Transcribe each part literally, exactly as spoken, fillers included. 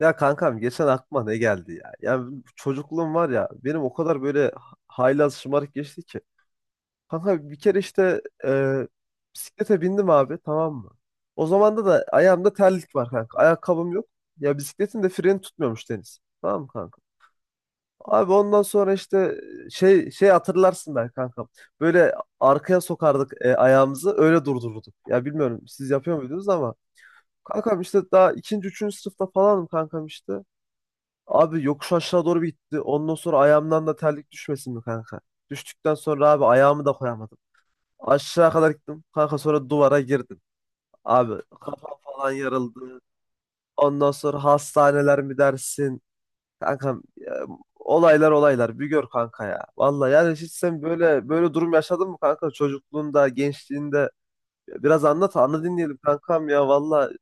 Ya kankam geçen aklıma ne geldi ya? Ya çocukluğum var ya benim o kadar böyle haylaz şımarık geçti ki. Kanka bir kere işte e, bisiklete bindim abi, tamam mı? O zaman da da ayağımda terlik var kanka. Ayakkabım yok. Ya bisikletin de freni tutmuyormuş Deniz. Tamam mı kanka? Abi ondan sonra işte şey şey hatırlarsın ben kankam. Böyle arkaya sokardık e, ayağımızı öyle durdururduk. Ya bilmiyorum siz yapıyor muydunuz ama kankam işte daha ikinci üçüncü sınıfta falanım kankam işte. Abi yokuş aşağı doğru bir gitti. Ondan sonra ayağımdan da terlik düşmesin mi kanka? Düştükten sonra abi ayağımı da koyamadım. Aşağı kadar gittim. Kanka sonra duvara girdim. Abi kafam falan yarıldı. Ondan sonra hastaneler mi dersin? Kankam ya, olaylar olaylar. Bir gör kanka ya. Vallahi yani hiç sen böyle böyle durum yaşadın mı kanka? Çocukluğunda, gençliğinde. Biraz anlat, anla dinleyelim kankam ya. Vallahi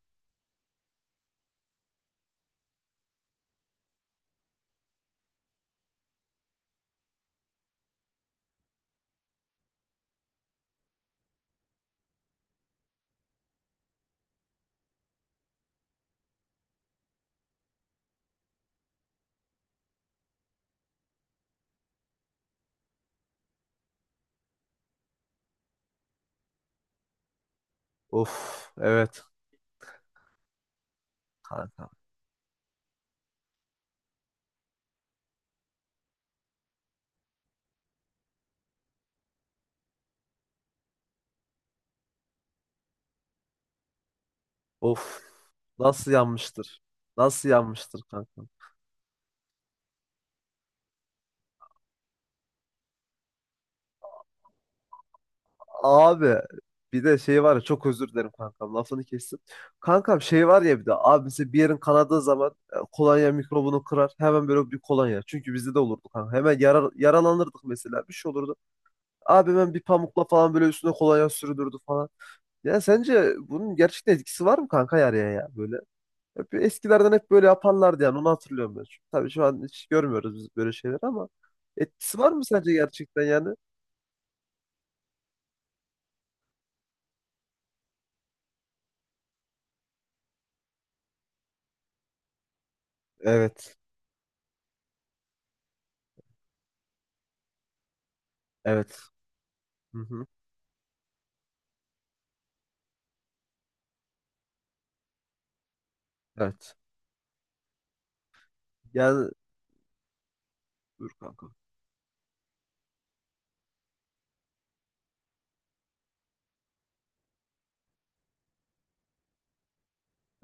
of, evet kanka. Of, nasıl yanmıştır? Nasıl yanmıştır kanka? Abi bir de şey var ya, çok özür dilerim kankam, lafını kestim. Kankam şey var ya, bir de abi mesela bir yerin kanadığı zaman e, kolonya mikrobunu kırar hemen, böyle bir kolonya. Çünkü bizde de olurdu kanka, hemen yara- yaralanırdık mesela, bir şey olurdu. Abi hemen bir pamukla falan böyle üstüne kolonya sürdürdü falan. Ya sence bunun gerçekten etkisi var mı kanka, yaraya ya böyle? Hep eskilerden hep böyle yaparlardı yani, onu hatırlıyorum ben. Çünkü tabii şu an hiç görmüyoruz biz böyle şeyler ama etkisi var mı sence gerçekten yani? Evet. Evet. Hı hı. Evet. Yani dur kanka.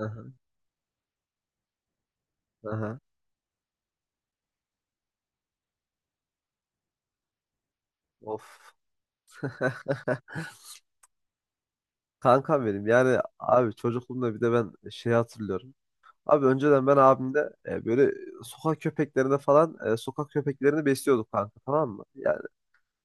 Aha, aha. Of. Kankam benim yani abi çocukluğumda bir de ben şey hatırlıyorum. Abi önceden ben abimle e, böyle sokak köpeklerine falan, e, sokak köpeklerini besliyorduk kanka, tamam mı? Ya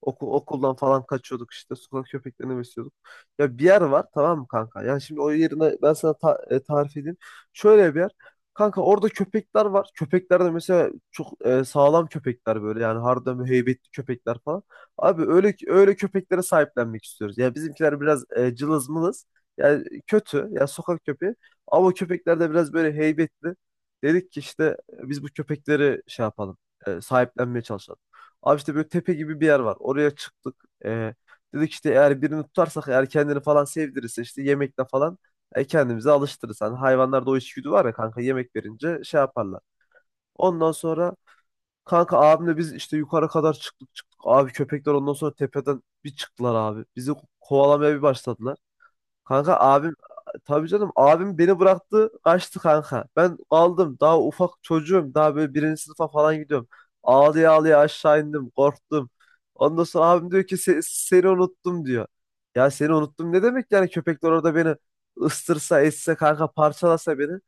Okul, okuldan falan kaçıyorduk işte. Sokak köpeklerini besliyorduk. Ya bir yer var tamam mı kanka? Yani şimdi o yerine ben sana ta- e, tarif edeyim. Şöyle bir yer. Kanka orada köpekler var. Köpekler de mesela çok e, sağlam köpekler böyle. Yani harbiden heybetli köpekler falan. Abi öyle öyle köpeklere sahiplenmek istiyoruz. Ya bizimkiler biraz e, cılız mılız. Yani kötü. Ya sokak köpeği. Ama o köpekler de biraz böyle heybetli. Dedik ki işte e, biz bu köpekleri şey yapalım. E, sahiplenmeye çalışalım. Abi işte böyle tepe gibi bir yer var. Oraya çıktık. Ee, Dedik işte eğer birini tutarsak, eğer kendini falan sevdirirse işte yemekle falan e, kendimizi alıştırırız. Hani hayvanlarda o içgüdü var ya kanka, yemek verince şey yaparlar. Ondan sonra kanka abimle biz işte yukarı kadar çıktık çıktık. Abi köpekler ondan sonra tepeden bir çıktılar abi. Bizi kovalamaya bir başladılar. Kanka abim tabii canım abim beni bıraktı kaçtı kanka. Ben kaldım, daha ufak çocuğum, daha böyle birinci sınıfa falan gidiyorum. Ağlaya ağlaya aşağı indim, korktum. Ondan sonra abim diyor ki, "Se- seni unuttum," diyor. Ya seni unuttum ne demek yani, köpekler orada beni ıstırsa etse kanka, parçalasa beni.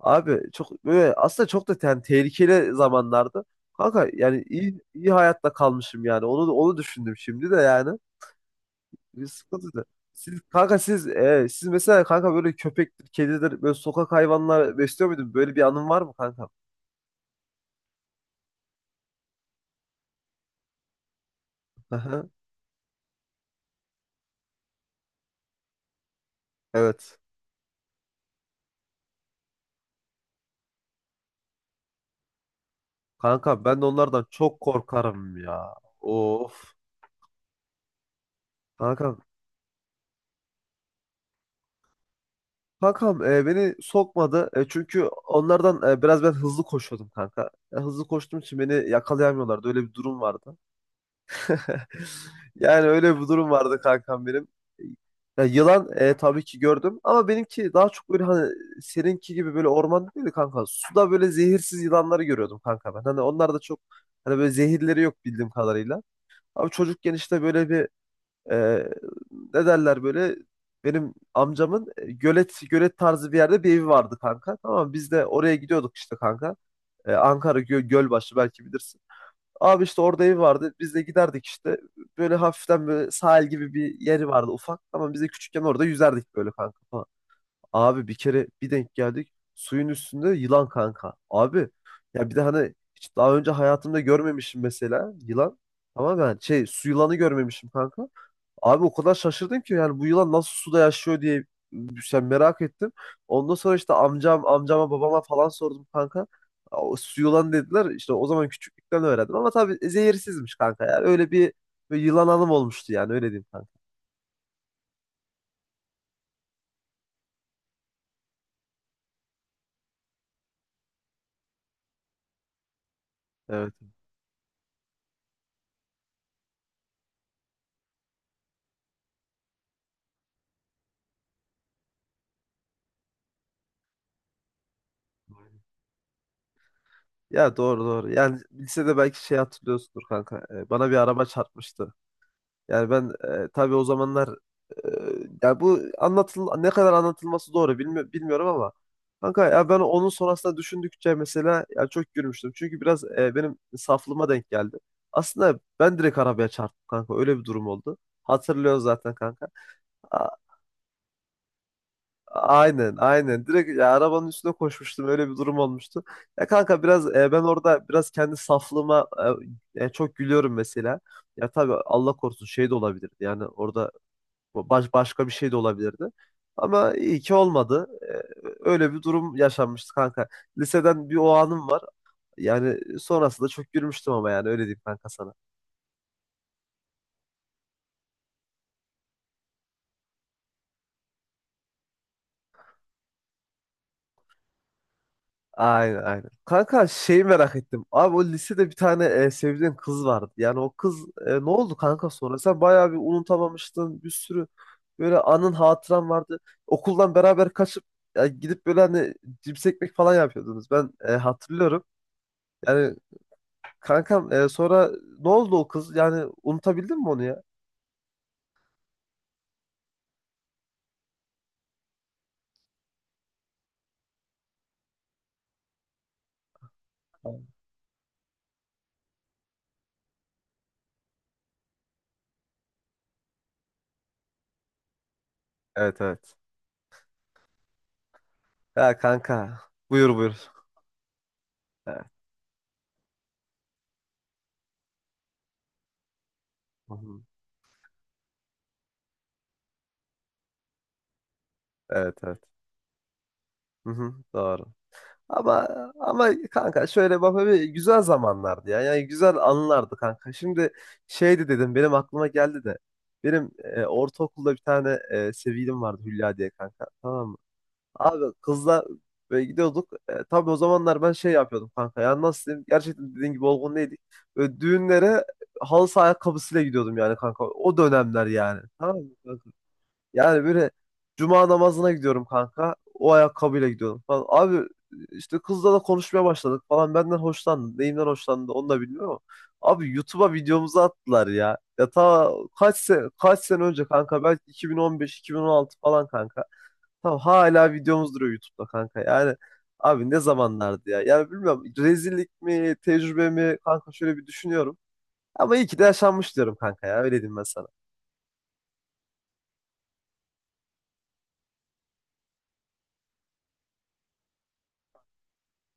Abi çok böyle, aslında çok da yani tehlikeli zamanlardı. Kanka yani iyi, iyi hayatta kalmışım yani, onu onu düşündüm şimdi de yani. Bir sıkıntı da. Siz kanka siz, e, siz mesela kanka böyle köpektir, kedidir, böyle sokak hayvanlar besliyor muydun? Böyle bir anın var mı kanka? Aha, evet. Kanka ben de onlardan çok korkarım ya. Of. Kankam. Kankam e, beni sokmadı. E, çünkü onlardan e, biraz ben hızlı koşuyordum kanka. E, hızlı koştuğum için beni yakalayamıyorlardı. Öyle bir durum vardı. Yani öyle bir durum vardı kankam benim. Ya yılan e, tabii ki gördüm ama benimki daha çok böyle hani seninki gibi böyle ormanda değil de kanka. Suda böyle zehirsiz yılanları görüyordum kanka ben. Hani onlar da çok, hani böyle zehirleri yok bildiğim kadarıyla. Abi çocukken işte böyle bir e, ne derler böyle, benim amcamın e, gölet gölet tarzı bir yerde bir evi vardı kanka. Tamam mı? Biz de oraya gidiyorduk işte kanka. E, Ankara Gö- Gölbaşı, belki bilirsin. Abi işte orada ev vardı. Biz de giderdik işte. Böyle hafiften böyle sahil gibi bir yeri vardı ufak. Ama biz de küçükken orada yüzerdik böyle kanka falan. Abi bir kere bir denk geldik. Suyun üstünde yılan kanka. Abi ya bir de hani hiç daha önce hayatımda görmemişim mesela yılan. Tamam ben şey, su yılanı görmemişim kanka. Abi o kadar şaşırdım ki yani, bu yılan nasıl suda yaşıyor diye sen merak ettim. Ondan sonra işte amcam, amcama, babama falan sordum kanka. O su yılan dediler. İşte o zaman küçüklükten öğrendim ama tabii zehirsizmiş kanka ya. Öyle bir, bir yılan anım olmuştu yani, öyle diyeyim kanka. Evet. Ya doğru doğru. Yani lisede belki şey hatırlıyorsundur kanka. Ee, Bana bir araba çarpmıştı. Yani ben e, tabii o zamanlar e, ya bu anlatıl ne kadar anlatılması doğru bilmi- bilmiyorum ama kanka ya, ben onun sonrasında düşündükçe mesela ya çok gülmüştüm. Çünkü biraz e, benim saflığıma denk geldi. Aslında ben direkt arabaya çarptım kanka. Öyle bir durum oldu. Hatırlıyorsun zaten kanka. A- aynen aynen. Direkt ya arabanın üstüne koşmuştum. Öyle bir durum olmuştu. Ya kanka biraz e, ben orada biraz kendi saflığıma e, e, çok gülüyorum mesela. Ya tabii Allah korusun şey de olabilirdi. Yani orada bu Baş, başka bir şey de olabilirdi. Ama iyi ki olmadı. Ee, öyle bir durum yaşanmıştı kanka. Liseden bir o anım var. Yani sonrasında çok gülmüştüm ama yani öyle diyeyim kanka sana. Aynen aynen. Kanka şeyi merak ettim. Abi o lisede bir tane e, sevdiğin kız vardı. Yani o kız e, ne oldu kanka sonra? Sen bayağı bir unutamamıştın. Bir sürü böyle anın, hatıran vardı. Okuldan beraber kaçıp ya gidip böyle hani cips ekmek falan yapıyordunuz. Ben e, hatırlıyorum. Yani kankam e, sonra ne oldu o kız? Yani unutabildin mi onu ya? Evet evet. Ya kanka. Buyur buyur. Evet. Hı hı. Evet evet. Hı hı, doğru. Ama ama kanka şöyle bak, bir güzel zamanlardı ya. Yani güzel anılardı kanka. Şimdi şeydi dedim, benim aklıma geldi de. Benim e, ortaokulda bir tane e, sevgilim vardı Hülya diye kanka. Tamam mı? Abi kızla böyle gidiyorduk. E, tabii o zamanlar ben şey yapıyordum kanka. Ya nasıl diyeyim? Gerçekten dediğin gibi olgun değildik. Böyle düğünlere halı saha ayakkabısıyla gidiyordum yani kanka. O dönemler yani. Tamam mı kanka? Yani böyle cuma namazına gidiyorum kanka. O ayakkabıyla gidiyordum falan. Abi işte kızla da konuşmaya başladık falan. Benden hoşlandı. Neyimden hoşlandı onu da bilmiyorum ama. Abi YouTube'a videomuzu attılar ya. Ya ta kaç sene, kaç sene önce kanka. Belki iki bin on beş-iki bin on altı falan kanka. Tamam hala videomuz duruyor YouTube'da kanka. Yani abi ne zamanlardı ya. Yani bilmiyorum rezillik mi, tecrübe mi kanka, şöyle bir düşünüyorum. Ama iyi ki de yaşanmış diyorum kanka ya. Öyle diyeyim ben sana.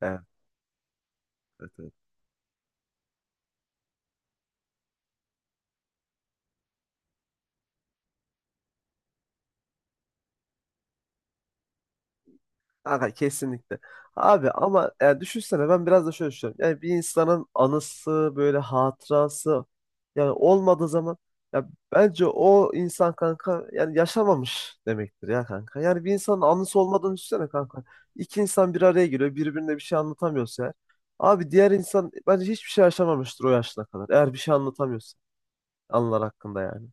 Evet, evet. Evet. Kanka kesinlikle. Abi ama yani düşünsene, ben biraz da şöyle düşünüyorum. Yani bir insanın anısı, böyle hatırası yani olmadığı zaman, ya bence o insan kanka yani yaşamamış demektir ya kanka. Yani bir insanın anısı olmadığını düşünsene kanka. İki insan bir araya geliyor birbirine bir şey anlatamıyorsa eğer. Abi diğer insan bence hiçbir şey yaşamamıştır o yaşına kadar. Eğer bir şey anlatamıyorsa anılar hakkında yani.